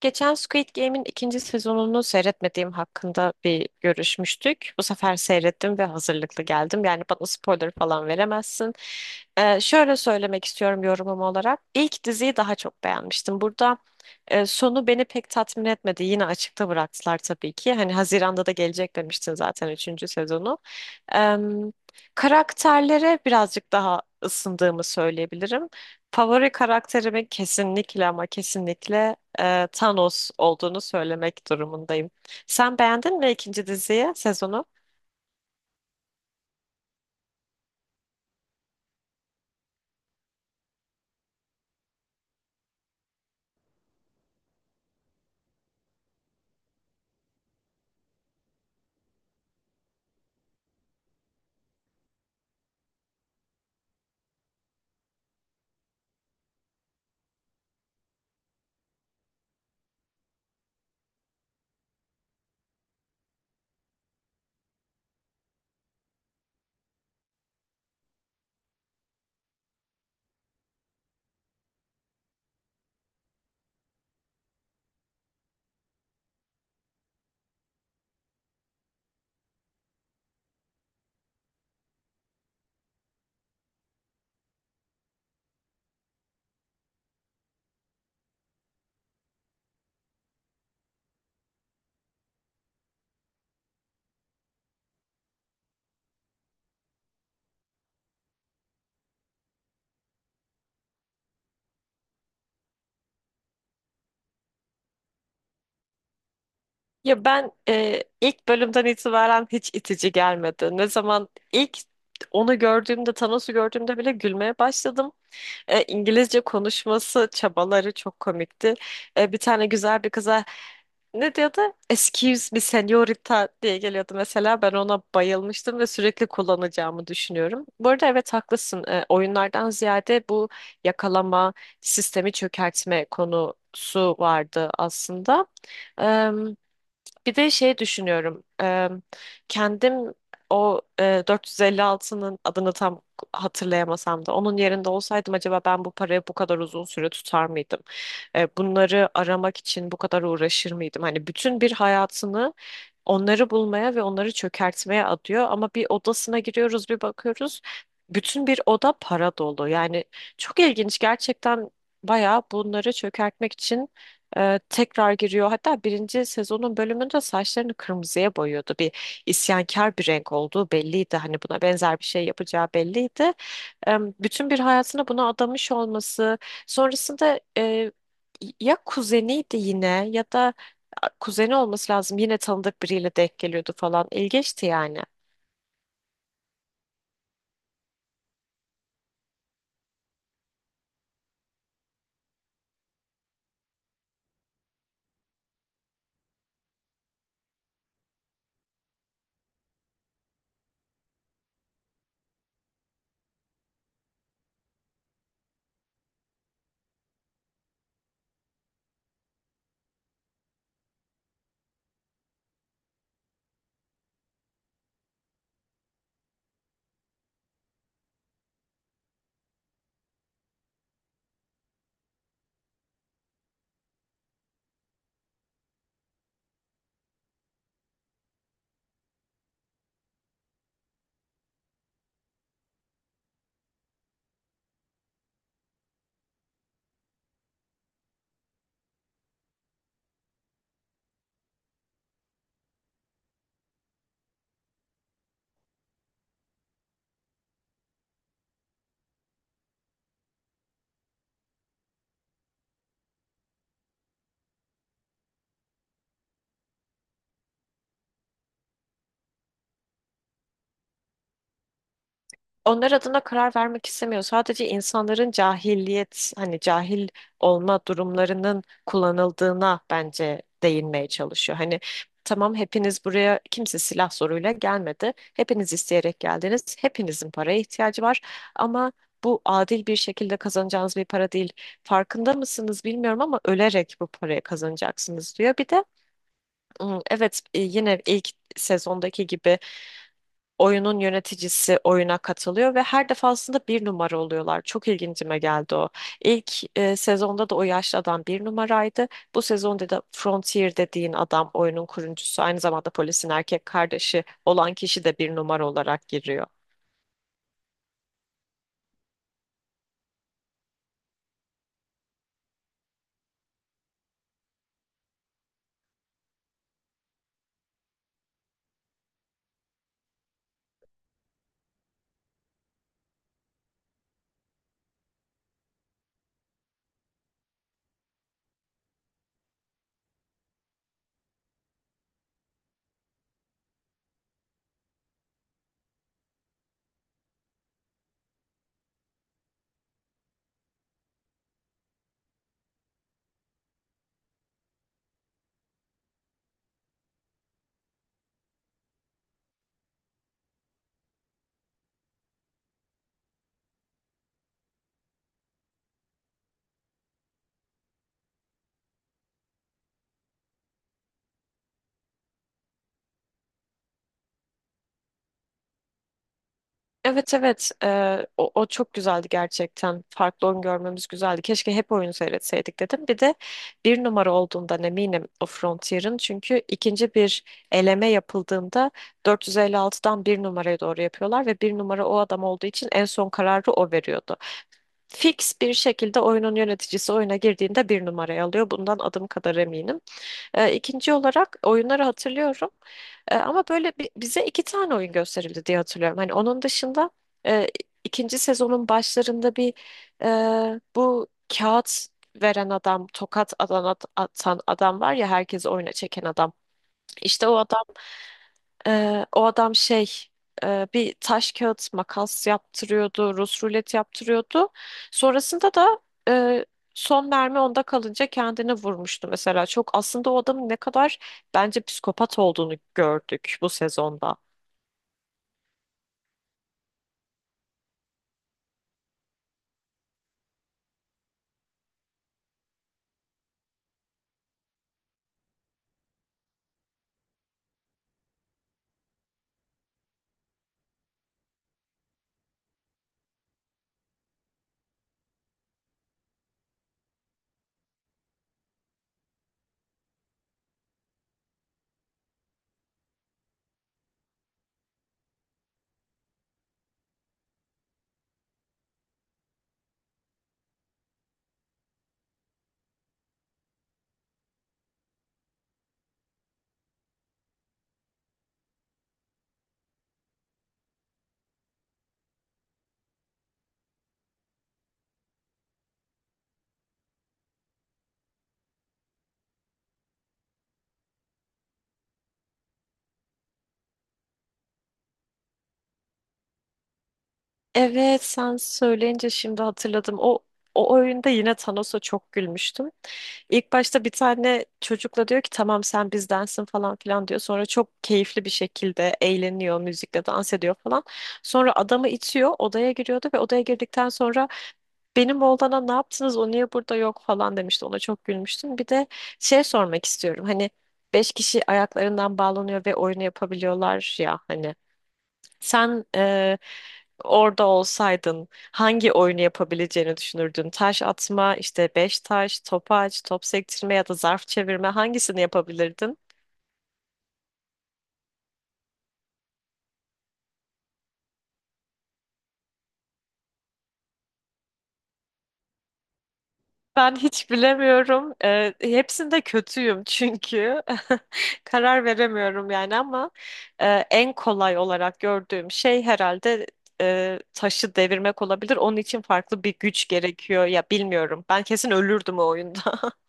Geçen Squid Game'in ikinci sezonunu seyretmediğim hakkında bir görüşmüştük. Bu sefer seyrettim ve hazırlıklı geldim. Yani bana spoiler falan veremezsin. Şöyle söylemek istiyorum yorumum olarak. İlk diziyi daha çok beğenmiştim. Burada sonu beni pek tatmin etmedi. Yine açıkta bıraktılar tabii ki. Hani Haziran'da da gelecek demiştin zaten üçüncü sezonu. Ee, Karakterlere birazcık daha ısındığımı söyleyebilirim. Favori karakterimi kesinlikle ama kesinlikle Thanos olduğunu söylemek durumundayım. Sen beğendin mi ikinci diziyi, sezonu? Ya ben ilk bölümden itibaren hiç itici gelmedi. Ne zaman ilk onu gördüğümde, Thanos'u gördüğümde bile gülmeye başladım. İngilizce konuşması, çabaları çok komikti. Bir tane güzel bir kıza ne diyordu? Excuse me señorita diye geliyordu mesela. Ben ona bayılmıştım ve sürekli kullanacağımı düşünüyorum. Bu arada evet haklısın. Oyunlardan ziyade bu yakalama, sistemi çökertme konusu vardı aslında. Eee, Bir de şey düşünüyorum. Kendim o 456'nın adını tam hatırlayamasam da onun yerinde olsaydım acaba ben bu parayı bu kadar uzun süre tutar mıydım? Bunları aramak için bu kadar uğraşır mıydım? Hani bütün bir hayatını onları bulmaya ve onları çökertmeye adıyor. Ama bir odasına giriyoruz, bir bakıyoruz. Bütün bir oda para dolu. Yani çok ilginç gerçekten, bayağı bunları çökertmek için tekrar giriyor. Hatta birinci sezonun bölümünde saçlarını kırmızıya boyuyordu. Bir isyankar bir renk olduğu belliydi. Hani buna benzer bir şey yapacağı belliydi, bütün bir hayatını buna adamış olması, sonrasında ya kuzeniydi yine ya da kuzeni olması lazım, yine tanıdık biriyle denk geliyordu falan, ilginçti yani. Onlar adına karar vermek istemiyor. Sadece insanların cahilliyet, hani cahil olma durumlarının kullanıldığına bence değinmeye çalışıyor. Hani tamam, hepiniz buraya kimse silah zoruyla gelmedi. Hepiniz isteyerek geldiniz. Hepinizin paraya ihtiyacı var. Ama bu adil bir şekilde kazanacağınız bir para değil. Farkında mısınız bilmiyorum ama ölerek bu parayı kazanacaksınız diyor. Bir de evet, yine ilk sezondaki gibi oyunun yöneticisi oyuna katılıyor ve her defasında bir numara oluyorlar. Çok ilgincime geldi o. İlk sezonda da o yaşlı adam bir numaraydı. Bu sezonda da Frontier dediğin adam, oyunun kurucusu, aynı zamanda polisin erkek kardeşi olan kişi de bir numara olarak giriyor. Evet, evet. O çok güzeldi gerçekten. Farklı oyun görmemiz güzeldi. Keşke hep oyun seyretseydik dedim. Bir de bir numara olduğundan eminim o Frontier'ın. Çünkü ikinci bir eleme yapıldığında 456'dan bir numaraya doğru yapıyorlar ve bir numara o adam olduğu için en son kararı o veriyordu. Fix bir şekilde oyunun yöneticisi oyuna girdiğinde bir numarayı alıyor. Bundan adım kadar eminim. İkinci olarak oyunları hatırlıyorum. Ama böyle bize iki tane oyun gösterildi diye hatırlıyorum. Hani onun dışında e, ikinci sezonun başlarında bu kağıt veren adam, tokat atan adam var ya, herkes oyuna çeken adam. İşte o adam şey, bir taş kağıt makas yaptırıyordu, Rus rulet yaptırıyordu. Sonrasında da e, son mermi onda kalınca kendini vurmuştu mesela. Çok aslında o adamın ne kadar bence psikopat olduğunu gördük bu sezonda. Evet, sen söyleyince şimdi hatırladım. O oyunda yine Thanos'a çok gülmüştüm. İlk başta bir tane çocukla diyor ki tamam, sen bizdensin falan filan diyor. Sonra çok keyifli bir şekilde eğleniyor, müzikle dans ediyor falan. Sonra adamı itiyor, odaya giriyordu ve odaya girdikten sonra benim oğlana ne yaptınız, o niye burada yok falan demişti. Ona çok gülmüştüm. Bir de şey sormak istiyorum. Hani beş kişi ayaklarından bağlanıyor ve oyunu yapabiliyorlar ya hani. Sen orada olsaydın hangi oyunu yapabileceğini düşünürdün? Taş atma, işte beş taş, topaç, top sektirme ya da zarf çevirme, hangisini yapabilirdin? Ben hiç bilemiyorum. Hepsinde kötüyüm çünkü. Karar veremiyorum yani ama en kolay olarak gördüğüm şey herhalde taşı devirmek olabilir. Onun için farklı bir güç gerekiyor. Ya bilmiyorum. Ben kesin ölürdüm o oyunda.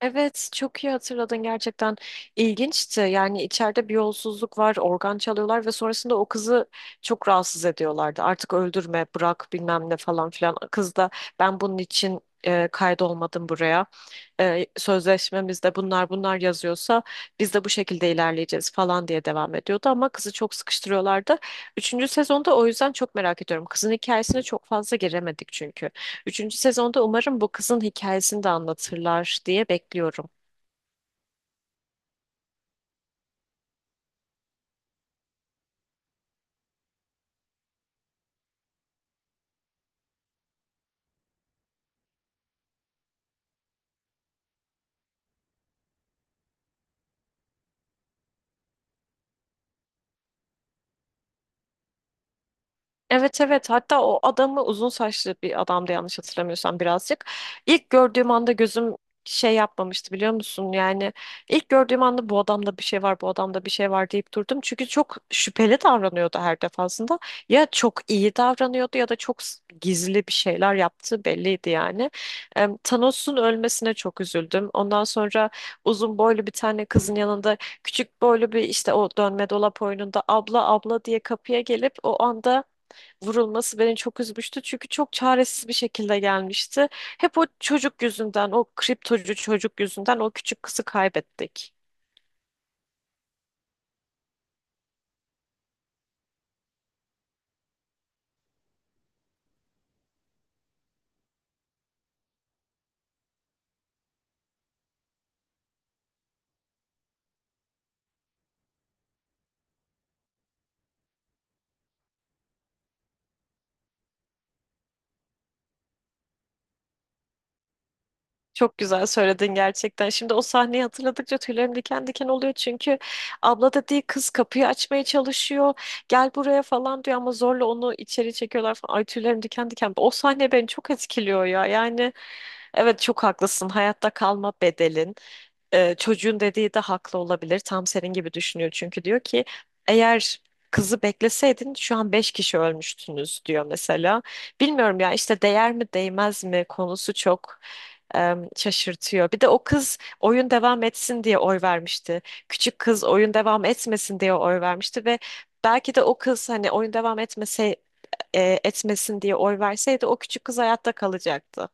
Evet, çok iyi hatırladın gerçekten. İlginçti. Yani içeride bir yolsuzluk var, organ çalıyorlar ve sonrasında o kızı çok rahatsız ediyorlardı. Artık öldürme, bırak bilmem ne falan filan. Kız da ben bunun için kaydolmadım buraya, sözleşmemizde bunlar bunlar yazıyorsa biz de bu şekilde ilerleyeceğiz falan diye devam ediyordu ama kızı çok sıkıştırıyorlardı. Üçüncü sezonda o yüzden çok merak ediyorum. Kızın hikayesine çok fazla giremedik çünkü. Üçüncü sezonda umarım bu kızın hikayesini de anlatırlar diye bekliyorum. Evet, evet, hatta o adamı uzun saçlı bir adamdı yanlış hatırlamıyorsam, birazcık. İlk gördüğüm anda gözüm şey yapmamıştı biliyor musun? Yani ilk gördüğüm anda bu adamda bir şey var, bu adamda bir şey var deyip durdum. Çünkü çok şüpheli davranıyordu her defasında. Ya çok iyi davranıyordu ya da çok gizli bir şeyler yaptığı belliydi yani. Thanos'un ölmesine çok üzüldüm. Ondan sonra uzun boylu bir tane kızın yanında küçük boylu bir, işte o dönme dolap oyununda abla abla diye kapıya gelip o anda vurulması beni çok üzmüştü. Çünkü çok çaresiz bir şekilde gelmişti. Hep o çocuk yüzünden, o kriptocu çocuk yüzünden o küçük kızı kaybettik. Çok güzel söyledin gerçekten. Şimdi o sahneyi hatırladıkça tüylerim diken diken oluyor. Çünkü abla dediği kız kapıyı açmaya çalışıyor. Gel buraya falan diyor ama zorla onu içeri çekiyorlar falan. Ay, tüylerim diken diken. O sahne beni çok etkiliyor ya. Yani evet, çok haklısın. Hayatta kalma bedelin. Çocuğun dediği de haklı olabilir. Tam senin gibi düşünüyor çünkü, diyor ki eğer kızı bekleseydin şu an beş kişi ölmüştünüz diyor mesela. Bilmiyorum ya, işte değer mi değmez mi konusu çok şaşırtıyor. Bir de o kız oyun devam etsin diye oy vermişti. Küçük kız oyun devam etmesin diye oy vermişti ve belki de o kız hani oyun etmesin diye oy verseydi o küçük kız hayatta kalacaktı.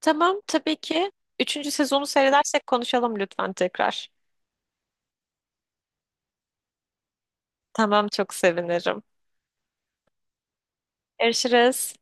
Tamam, tabii ki. Üçüncü sezonu seyredersek konuşalım lütfen tekrar. Tamam, çok sevinirim. Görüşürüz.